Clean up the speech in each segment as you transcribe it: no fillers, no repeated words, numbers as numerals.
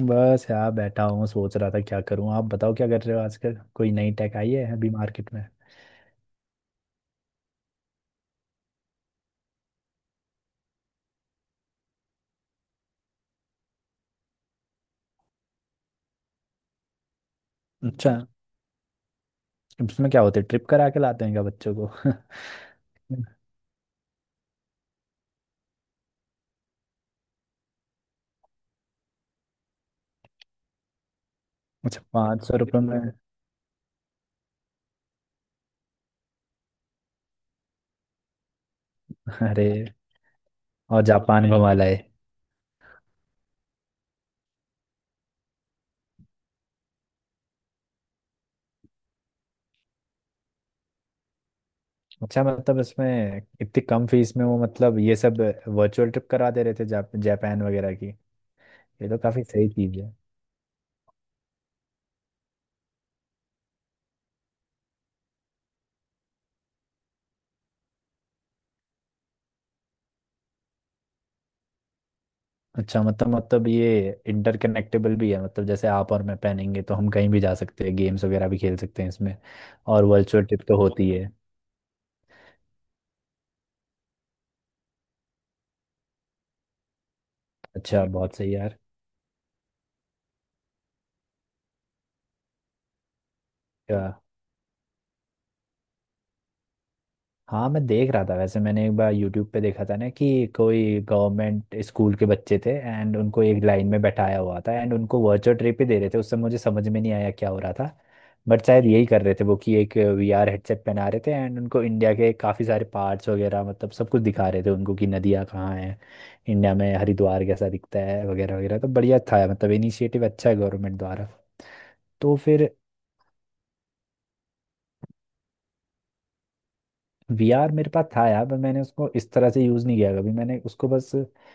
बस यार बैठा हूँ सोच रहा था क्या करूँ। आप बताओ क्या कर रहे हो आजकल? कोई नई टेक आई है अभी मार्केट में? अच्छा, इसमें क्या होते है ट्रिप करा के लाते हैं क्या बच्चों को? अच्छा, 500 रुपये में? अरे। और जापान घुमा लाए? अच्छा, मतलब इसमें इतनी कम फीस में वो मतलब ये सब वर्चुअल ट्रिप करा दे रहे थे जापान वगैरह की। ये तो काफ़ी सही चीज़ है। अच्छा, मतलब ये इंटरकनेक्टेबल भी है, मतलब जैसे आप और मैं पहनेंगे तो हम कहीं भी जा सकते हैं, गेम्स वगैरह भी खेल सकते हैं इसमें? और वर्चुअल ट्रिप तो होती है। अच्छा, बहुत सही यार। अ, हाँ, मैं देख रहा था। वैसे मैंने एक बार यूट्यूब पे देखा था ना कि कोई गवर्नमेंट स्कूल के बच्चे थे एंड उनको एक लाइन में बैठाया हुआ था एंड उनको वर्चुअल ट्रिप ही दे रहे थे। उस समय मुझे समझ में नहीं आया क्या हो रहा था, बट शायद यही कर रहे थे वो कि एक वीआर हेडसेट पहना रहे थे एंड उनको इंडिया के काफ़ी सारे पार्ट्स वगैरह मतलब सब कुछ दिखा रहे थे उनको कि नदियाँ कहाँ हैं, इंडिया में हरिद्वार कैसा दिखता है वगैरह वगैरह। तो बढ़िया था, मतलब इनिशिएटिव अच्छा है गवर्नमेंट द्वारा। तो फिर वीआर मेरे पास था यार, पर मैंने उसको इस तरह से यूज़ नहीं किया कभी। मैंने उसको बस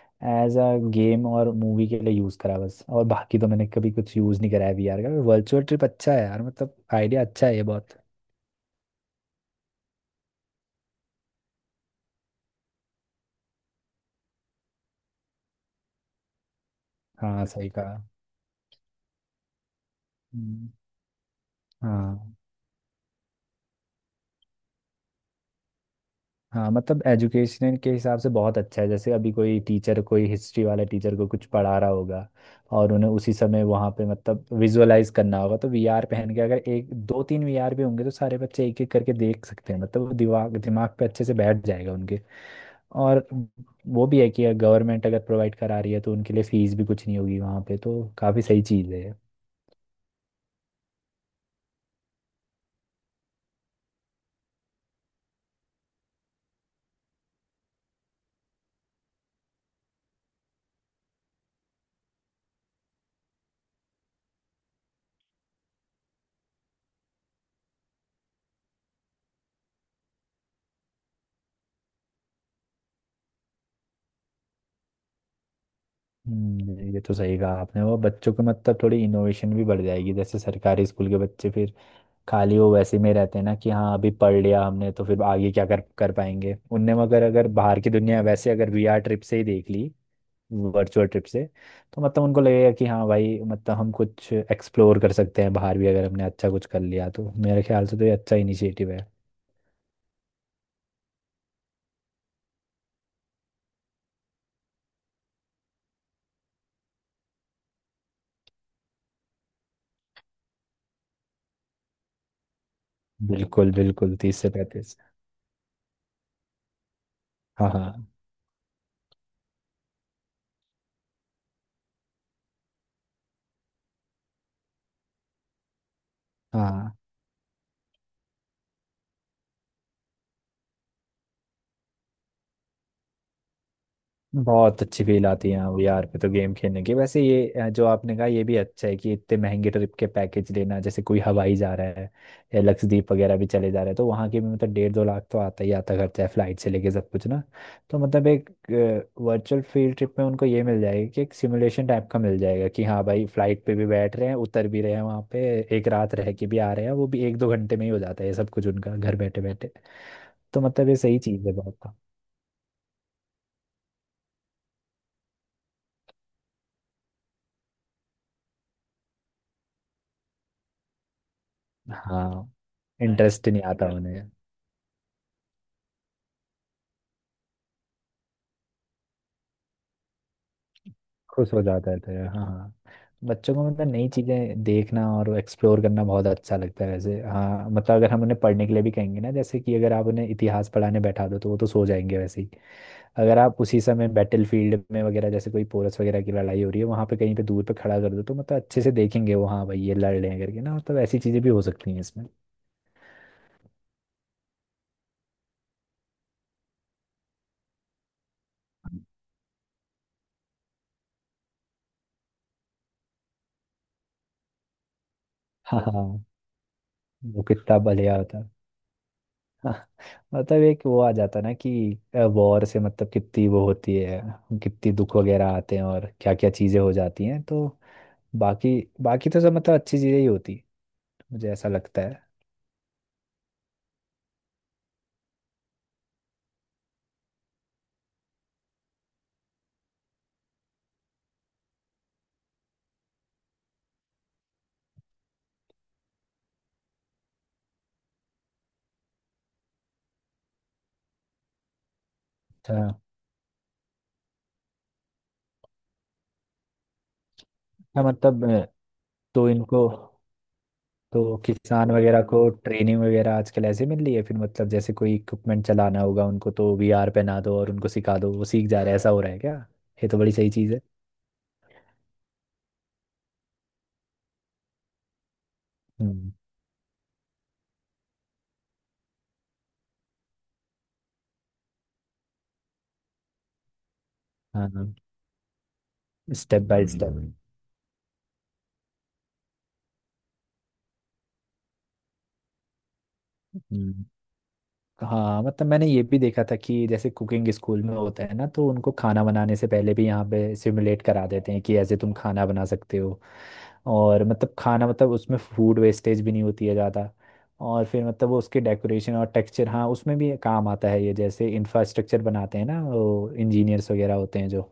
एज अ गेम और मूवी के लिए यूज़ करा बस, और बाकी तो मैंने कभी कुछ यूज़ नहीं कराया वीआर का। वर्चुअल ट्रिप अच्छा है यार, मतलब आइडिया अच्छा है ये बहुत। हाँ सही कहा। हम्म। हाँ। हाँ, मतलब एजुकेशन के हिसाब से बहुत अच्छा है। जैसे अभी कोई टीचर कोई हिस्ट्री वाला टीचर को कुछ पढ़ा रहा होगा, और उन्हें उसी समय वहाँ पे मतलब विजुअलाइज करना होगा तो वीआर पहन के अगर एक दो तीन वीआर भी होंगे तो सारे बच्चे एक एक करके देख सकते हैं। मतलब वो दिमाग दिमाग पे अच्छे से बैठ जाएगा उनके। और वो भी है कि गवर्नमेंट अगर प्रोवाइड करा रही है तो उनके लिए फीस भी कुछ नहीं होगी वहाँ पे, तो काफ़ी सही चीज़ है। ये तो सही कहा आपने। वो बच्चों को मतलब थोड़ी इनोवेशन भी बढ़ जाएगी। जैसे सरकारी स्कूल के बच्चे फिर खाली वो वैसे में रहते हैं ना कि हाँ अभी पढ़ लिया हमने तो फिर आगे क्या कर कर पाएंगे उनने, मगर अगर बाहर की दुनिया वैसे अगर वीआर ट्रिप से ही देख ली, वर्चुअल ट्रिप से, तो मतलब उनको लगेगा कि हाँ भाई मतलब हम कुछ एक्सप्लोर कर सकते हैं बाहर भी। अगर हमने अच्छा कुछ कर लिया तो मेरे ख्याल से तो ये अच्छा इनिशिएटिव है। बिल्कुल बिल्कुल, 30 से 35। हाँ हाँ। हाँ, बहुत अच्छी फील आती है हाँ। वीआर पे तो गेम खेलने की। वैसे ये जो आपने कहा ये भी अच्छा है कि इतने महंगे ट्रिप के पैकेज लेना, जैसे कोई हवाई जा रहा है या लक्षद्वीप वगैरह भी चले जा रहे हैं तो वहाँ के भी मतलब डेढ़ दो लाख तो आता ही आता खर्चा है, फ्लाइट से लेके सब कुछ ना। तो मतलब एक वर्चुअल फील्ड ट्रिप में उनको ये मिल जाएगा कि एक सिमुलेशन टाइप का मिल जाएगा कि हाँ भाई फ्लाइट पे भी बैठ रहे हैं उतर भी रहे हैं वहाँ पे, एक रात रह के भी आ रहे हैं, वो भी एक दो घंटे में ही हो जाता है ये सब कुछ उनका, घर बैठे बैठे। तो मतलब ये सही चीज़ है बहुत। हाँ। अरे, इंटरेस्ट नहीं आता उन्हें। खुश हो जाते थे हाँ हाँ। बच्चों को मतलब नई चीज़ें देखना और एक्सप्लोर करना बहुत अच्छा लगता है वैसे। हाँ, मतलब अगर हम उन्हें पढ़ने के लिए भी कहेंगे ना, जैसे कि अगर आप उन्हें इतिहास पढ़ाने बैठा दो तो वो तो सो जाएंगे वैसे ही। अगर आप उसी समय बैटल फील्ड में वगैरह जैसे कोई पोरस वगैरह की लड़ाई हो रही है वहाँ पे कहीं पे दूर पे खड़ा कर दो तो मतलब अच्छे से देखेंगे वो, हाँ भाई ये लड़ रहे हैं करके ना। मतलब ऐसी चीज़ें भी हो सकती हैं इसमें। हाँ हाँ, वो कितना बढ़िया होता। हाँ, मतलब एक वो आ जाता है ना कि वॉर से मतलब कितनी वो होती है, कितनी दुख वगैरह आते हैं और क्या क्या चीजें हो जाती हैं। तो बाकी बाकी तो सब मतलब अच्छी चीजें ही होती हैं, मुझे ऐसा लगता है। अच्छा। अच्छा, मतलब तो इनको, तो किसान वगैरह को ट्रेनिंग वगैरह आजकल ऐसे मिल रही है फिर? मतलब जैसे कोई इक्विपमेंट चलाना होगा उनको तो वीआर पहना दो और उनको सिखा दो वो सीख जा रहे हैं, ऐसा हो रहा है क्या? ये तो बड़ी सही चीज है। हम्म। हाँ हाँ, स्टेप बाय स्टेप। हाँ, मतलब मैंने ये भी देखा था कि जैसे कुकिंग स्कूल में होता है ना तो उनको खाना बनाने से पहले भी यहाँ पे सिमुलेट करा देते हैं कि ऐसे तुम खाना बना सकते हो, और मतलब खाना मतलब उसमें फूड वेस्टेज भी नहीं होती है ज़्यादा। और फिर मतलब वो उसके डेकोरेशन और टेक्सचर, हाँ उसमें भी काम आता है ये। जैसे इंफ्रास्ट्रक्चर बनाते हैं ना वो इंजीनियर्स वगैरह होते हैं जो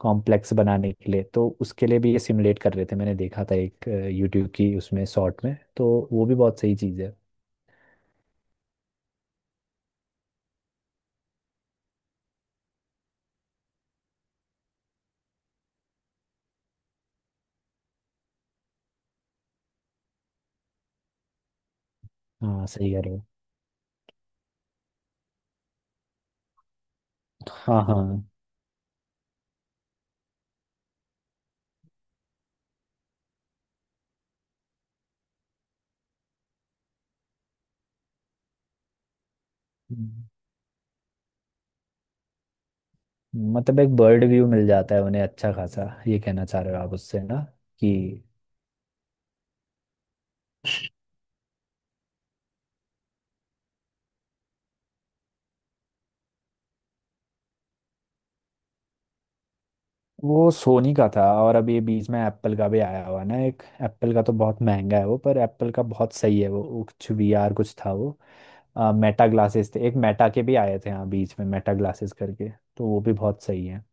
कॉम्प्लेक्स बनाने के लिए, तो उसके लिए भी ये सिमुलेट कर रहे थे। मैंने देखा था एक यूट्यूब की उसमें शॉर्ट में, तो वो भी बहुत सही चीज़ है। हाँ सही कह रहे हो। हाँ हाँ। हम्म, मतलब एक बर्ड व्यू मिल जाता है उन्हें अच्छा खासा, ये कहना चाह रहे हो आप उससे ना? कि वो सोनी का था। और अब ये बीच में एप्पल का भी आया हुआ ना, एक एप्पल का तो बहुत महंगा है वो, पर एप्पल का बहुत सही है वो कुछ वीआर कुछ था वो, मेटा ग्लासेस थे एक। मेटा के भी आए थे हाँ बीच में, मेटा ग्लासेस करके, तो वो भी बहुत सही है।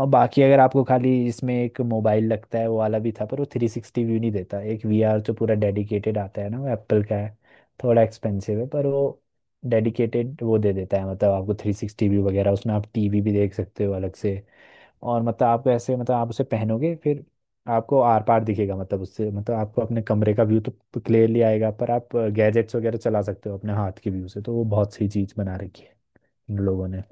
और बाकी अगर आपको खाली इसमें एक मोबाइल लगता है वो वाला भी था, पर वो 360 व्यू नहीं देता। एक वीआर जो पूरा डेडिकेटेड आता है ना वो एप्पल का है, थोड़ा एक्सपेंसिव है पर वो डेडिकेटेड वो दे देता है। मतलब आपको 360 व्यू वगैरह उसमें, आप टीवी भी देख सकते हो अलग से। और मतलब आप ऐसे मतलब आप उसे पहनोगे फिर आपको आर पार दिखेगा, मतलब उससे मतलब आपको अपने कमरे का व्यू तो क्लियरली आएगा पर आप गैजेट्स वगैरह चला सकते हो अपने हाथ के व्यू से। तो वो बहुत सही चीज़ बना रखी है इन लोगों ने।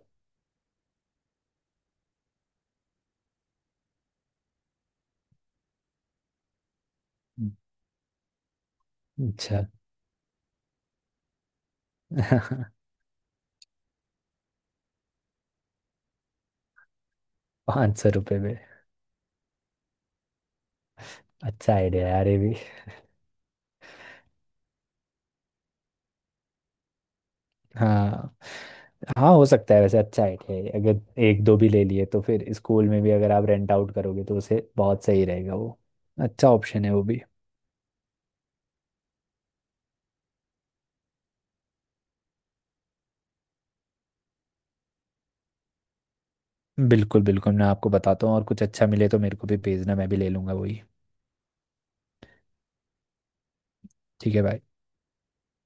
अच्छा। 500 रुपये में। अच्छा आइडिया यार ये भी। हाँ। हाँ हो सकता है वैसे, अच्छा आइडिया है। अगर एक दो भी ले लिए तो फिर स्कूल में भी अगर आप रेंट आउट करोगे तो उसे बहुत सही रहेगा वो। अच्छा ऑप्शन है वो भी। बिल्कुल बिल्कुल, मैं आपको बताता हूँ। और कुछ अच्छा मिले तो मेरे को भी भेजना, मैं भी ले लूंगा वही। ठीक है भाई।